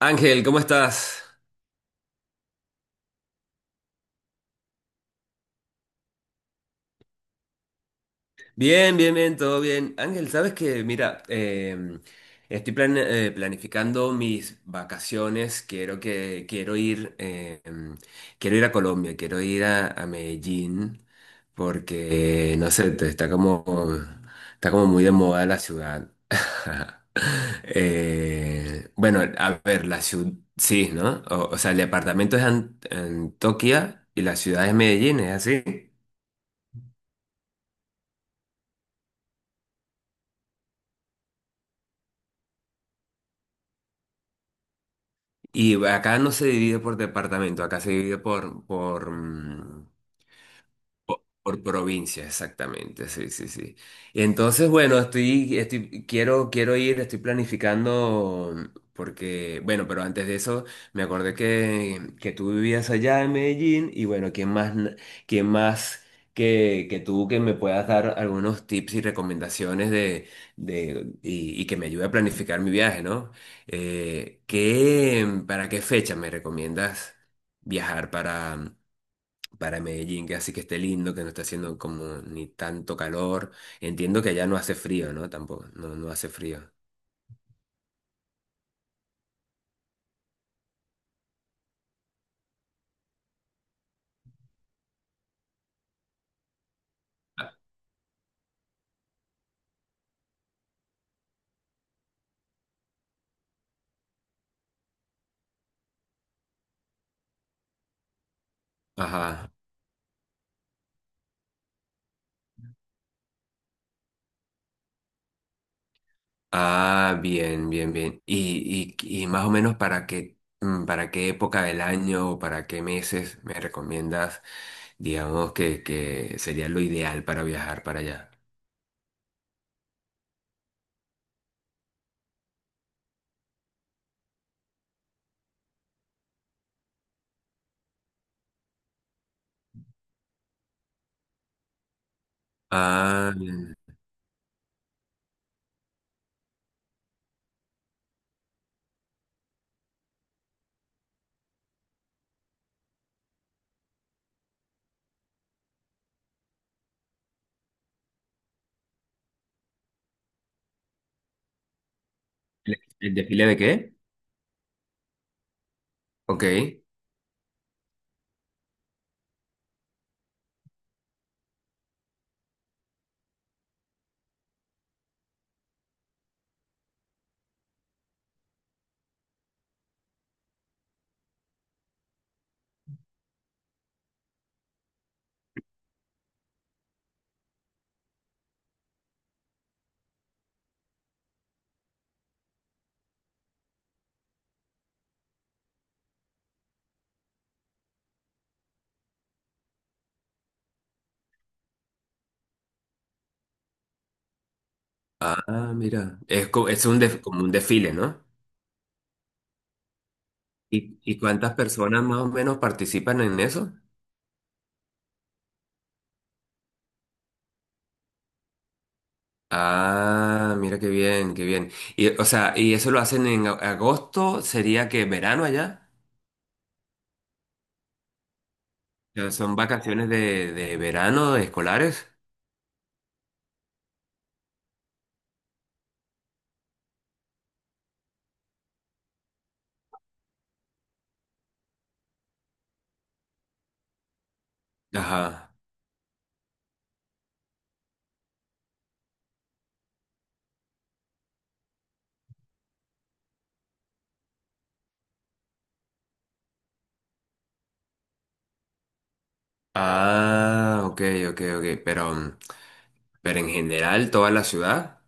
Ángel, ¿cómo estás? Bien, bien, bien, todo bien. Ángel, sabes que, mira, estoy planificando mis vacaciones. Quiero ir, quiero ir a Colombia, quiero ir a Medellín, porque no sé, está como muy de moda la ciudad. Bueno, a ver, la ciudad, sí, ¿no? O sea, el departamento es Antioquia y la ciudad es Medellín, ¿es así? Y acá no se divide por departamento, acá se divide por provincia, exactamente, sí, sí, sí. Entonces, bueno, quiero, estoy planificando, porque, bueno, pero antes de eso, me acordé que tú vivías allá en Medellín, y bueno, ¿quién más, quién más que tú que me puedas dar algunos tips y recomendaciones y que me ayude a planificar mi viaje, ¿no? ¿Qué, para qué fecha me recomiendas viajar para Medellín, que así que esté lindo, que no esté haciendo como ni tanto calor? Entiendo que allá no hace frío, ¿no? Tampoco, no hace frío. Ajá. Ah, bien, bien, bien. Y más o menos para qué, para qué época del año o para qué meses me recomiendas, digamos, que sería lo ideal para viajar para allá. Ah, bien. ¿El desfile de qué? Ok. Ah, mira. Es, es un como un desfile, ¿no? Y cuántas personas más o menos participan en eso? Ah, mira qué bien, qué bien. Y, o sea, ¿y eso lo hacen en agosto? ¿Sería que verano allá? O sea, ¿son vacaciones de verano, de escolares? Ajá. Ah, ok, ok, ok. Pero, pero en general, toda la ciudad.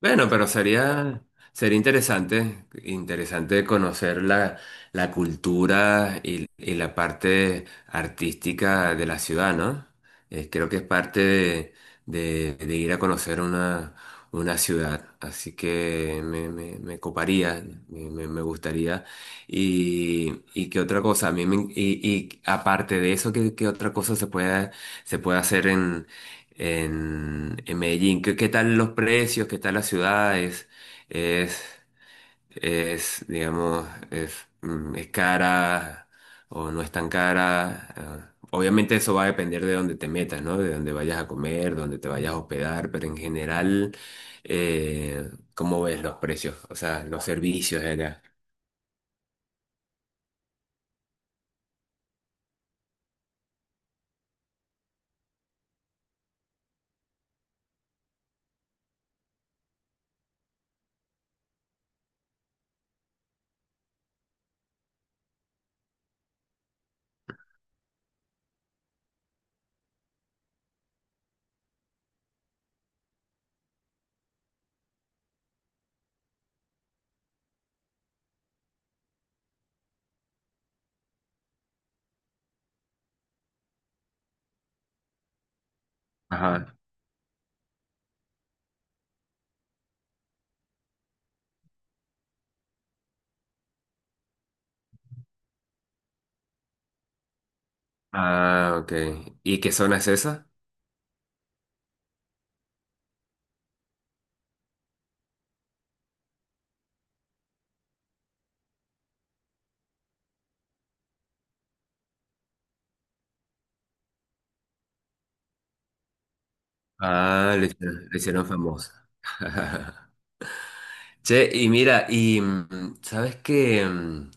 Bueno, pero sería, sería interesante, interesante conocer la, la cultura y la parte artística de la ciudad, ¿no? Creo que es parte de, de ir a conocer una ciudad, así que me coparía, me, me gustaría. Y qué otra cosa, a y aparte de eso, ¿qué, qué otra cosa se puede hacer en Medellín? ¿Qué, qué tal los precios? ¿Qué tal las ciudades? ¿Es, es, digamos, es, es cara o no es tan cara? Ah, obviamente eso va a depender de dónde te metas, ¿no? De dónde vayas a comer, dónde te vayas a hospedar, pero en general, ¿cómo ves los precios? O sea, los servicios de allá. Ajá. Ah, ok. ¿Y qué zona es esa? Ah, le, le hicieron famosa. Che, y mira, sabes que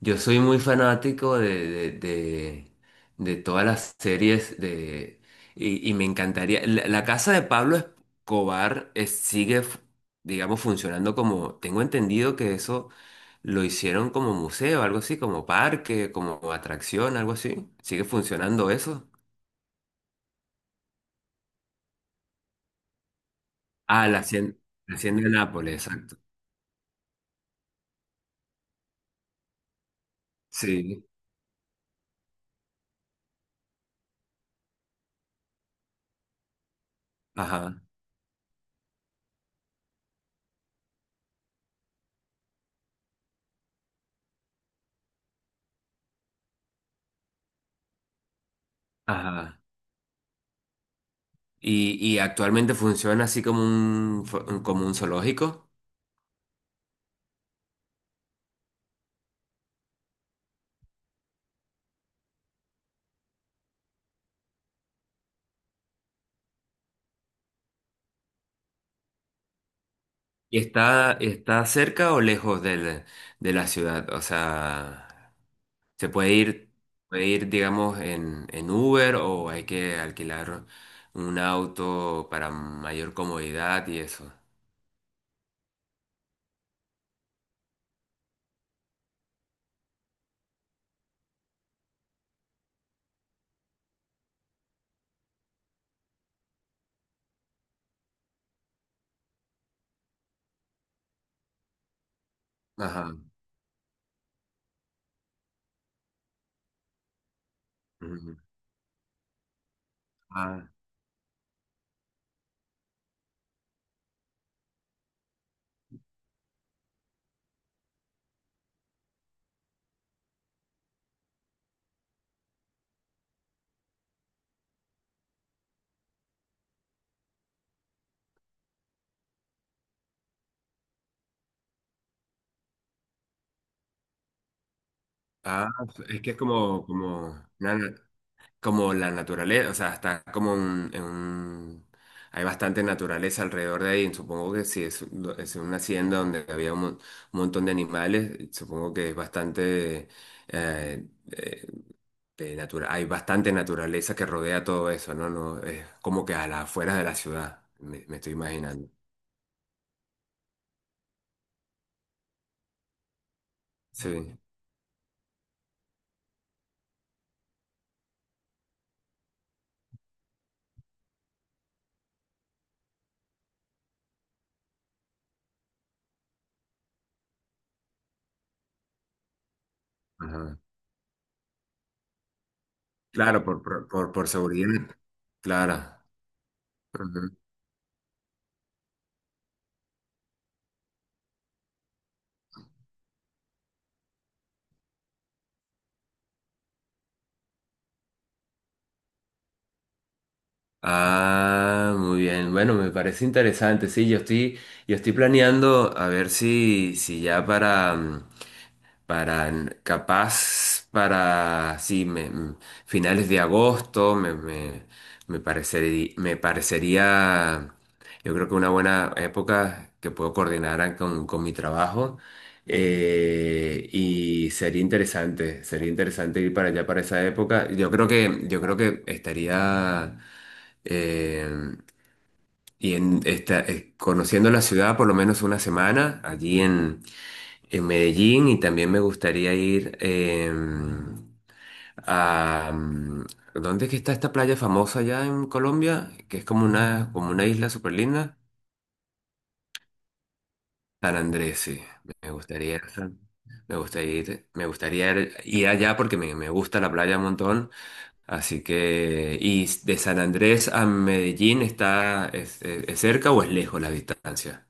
yo soy muy fanático de todas las series de y me encantaría. La casa de Pablo Escobar sigue, digamos, funcionando como, tengo entendido que eso lo hicieron como museo, algo así, como parque, como atracción, algo así. ¿Sigue funcionando eso? Ah, la hacienda de Nápoles, exacto. Sí, ajá, ajá. Y actualmente funciona así como un, como un zoológico. ¿Y está, está cerca o lejos de la ciudad? O sea, ¿se puede ir, digamos, en Uber o hay que alquilar un auto para mayor comodidad y eso? Ajá. Ujú. Ah, ah, es que es como, como, como la naturaleza, o sea, está como en un... Hay bastante naturaleza alrededor de ahí, supongo que si es, es una hacienda donde había un, un montón de animales, supongo que es bastante... eh, eh, de hay bastante naturaleza que rodea todo eso, ¿no? No, es como que a las afueras de la ciudad, me estoy imaginando. Sí. Ajá. Claro, por, por seguridad. Claro. Ah, muy bien. Bueno, me parece interesante. Sí, yo estoy planeando a ver si, si ya para, para capaz para sí, finales de agosto me, me, me parecería, yo creo que una buena época que puedo coordinar con mi trabajo. Y sería interesante ir para allá para esa época. Yo creo que estaría. Eh, y en esta, conociendo la ciudad por lo menos una semana allí en Medellín y también me gustaría ir a... ¿dónde es que está esta playa famosa allá en Colombia? Que es como una isla súper linda. San Andrés, sí. Me gustaría ir a me gustaría ir, me gustaría ir allá porque me gusta la playa un montón. Así que, ¿y de San Andrés a Medellín está, es es cerca o es lejos la distancia?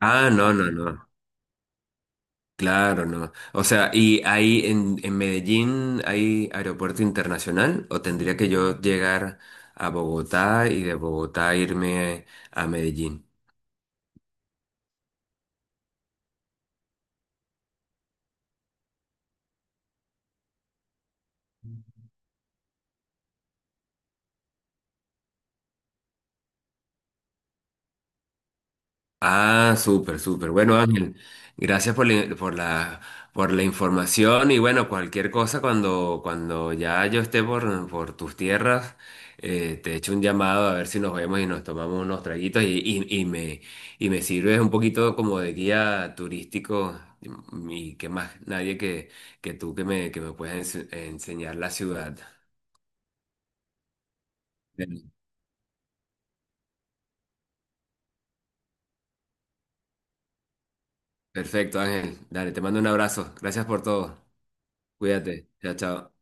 Ah, no, no, no. Claro, no. O sea, ¿y ahí en Medellín hay aeropuerto internacional o tendría que yo llegar a Bogotá y de Bogotá irme a Medellín? Ah, súper, súper. Bueno, Ángel, gracias por la, por la, por la información y bueno, cualquier cosa cuando, cuando ya yo esté por tus tierras, te echo un llamado a ver si nos vemos y nos tomamos unos traguitos y me sirves un poquito como de guía turístico y que más nadie que, que tú que me puedas enseñar la ciudad. Bien. Perfecto, Ángel. Dale, te mando un abrazo. Gracias por todo. Cuídate. Chao, chao.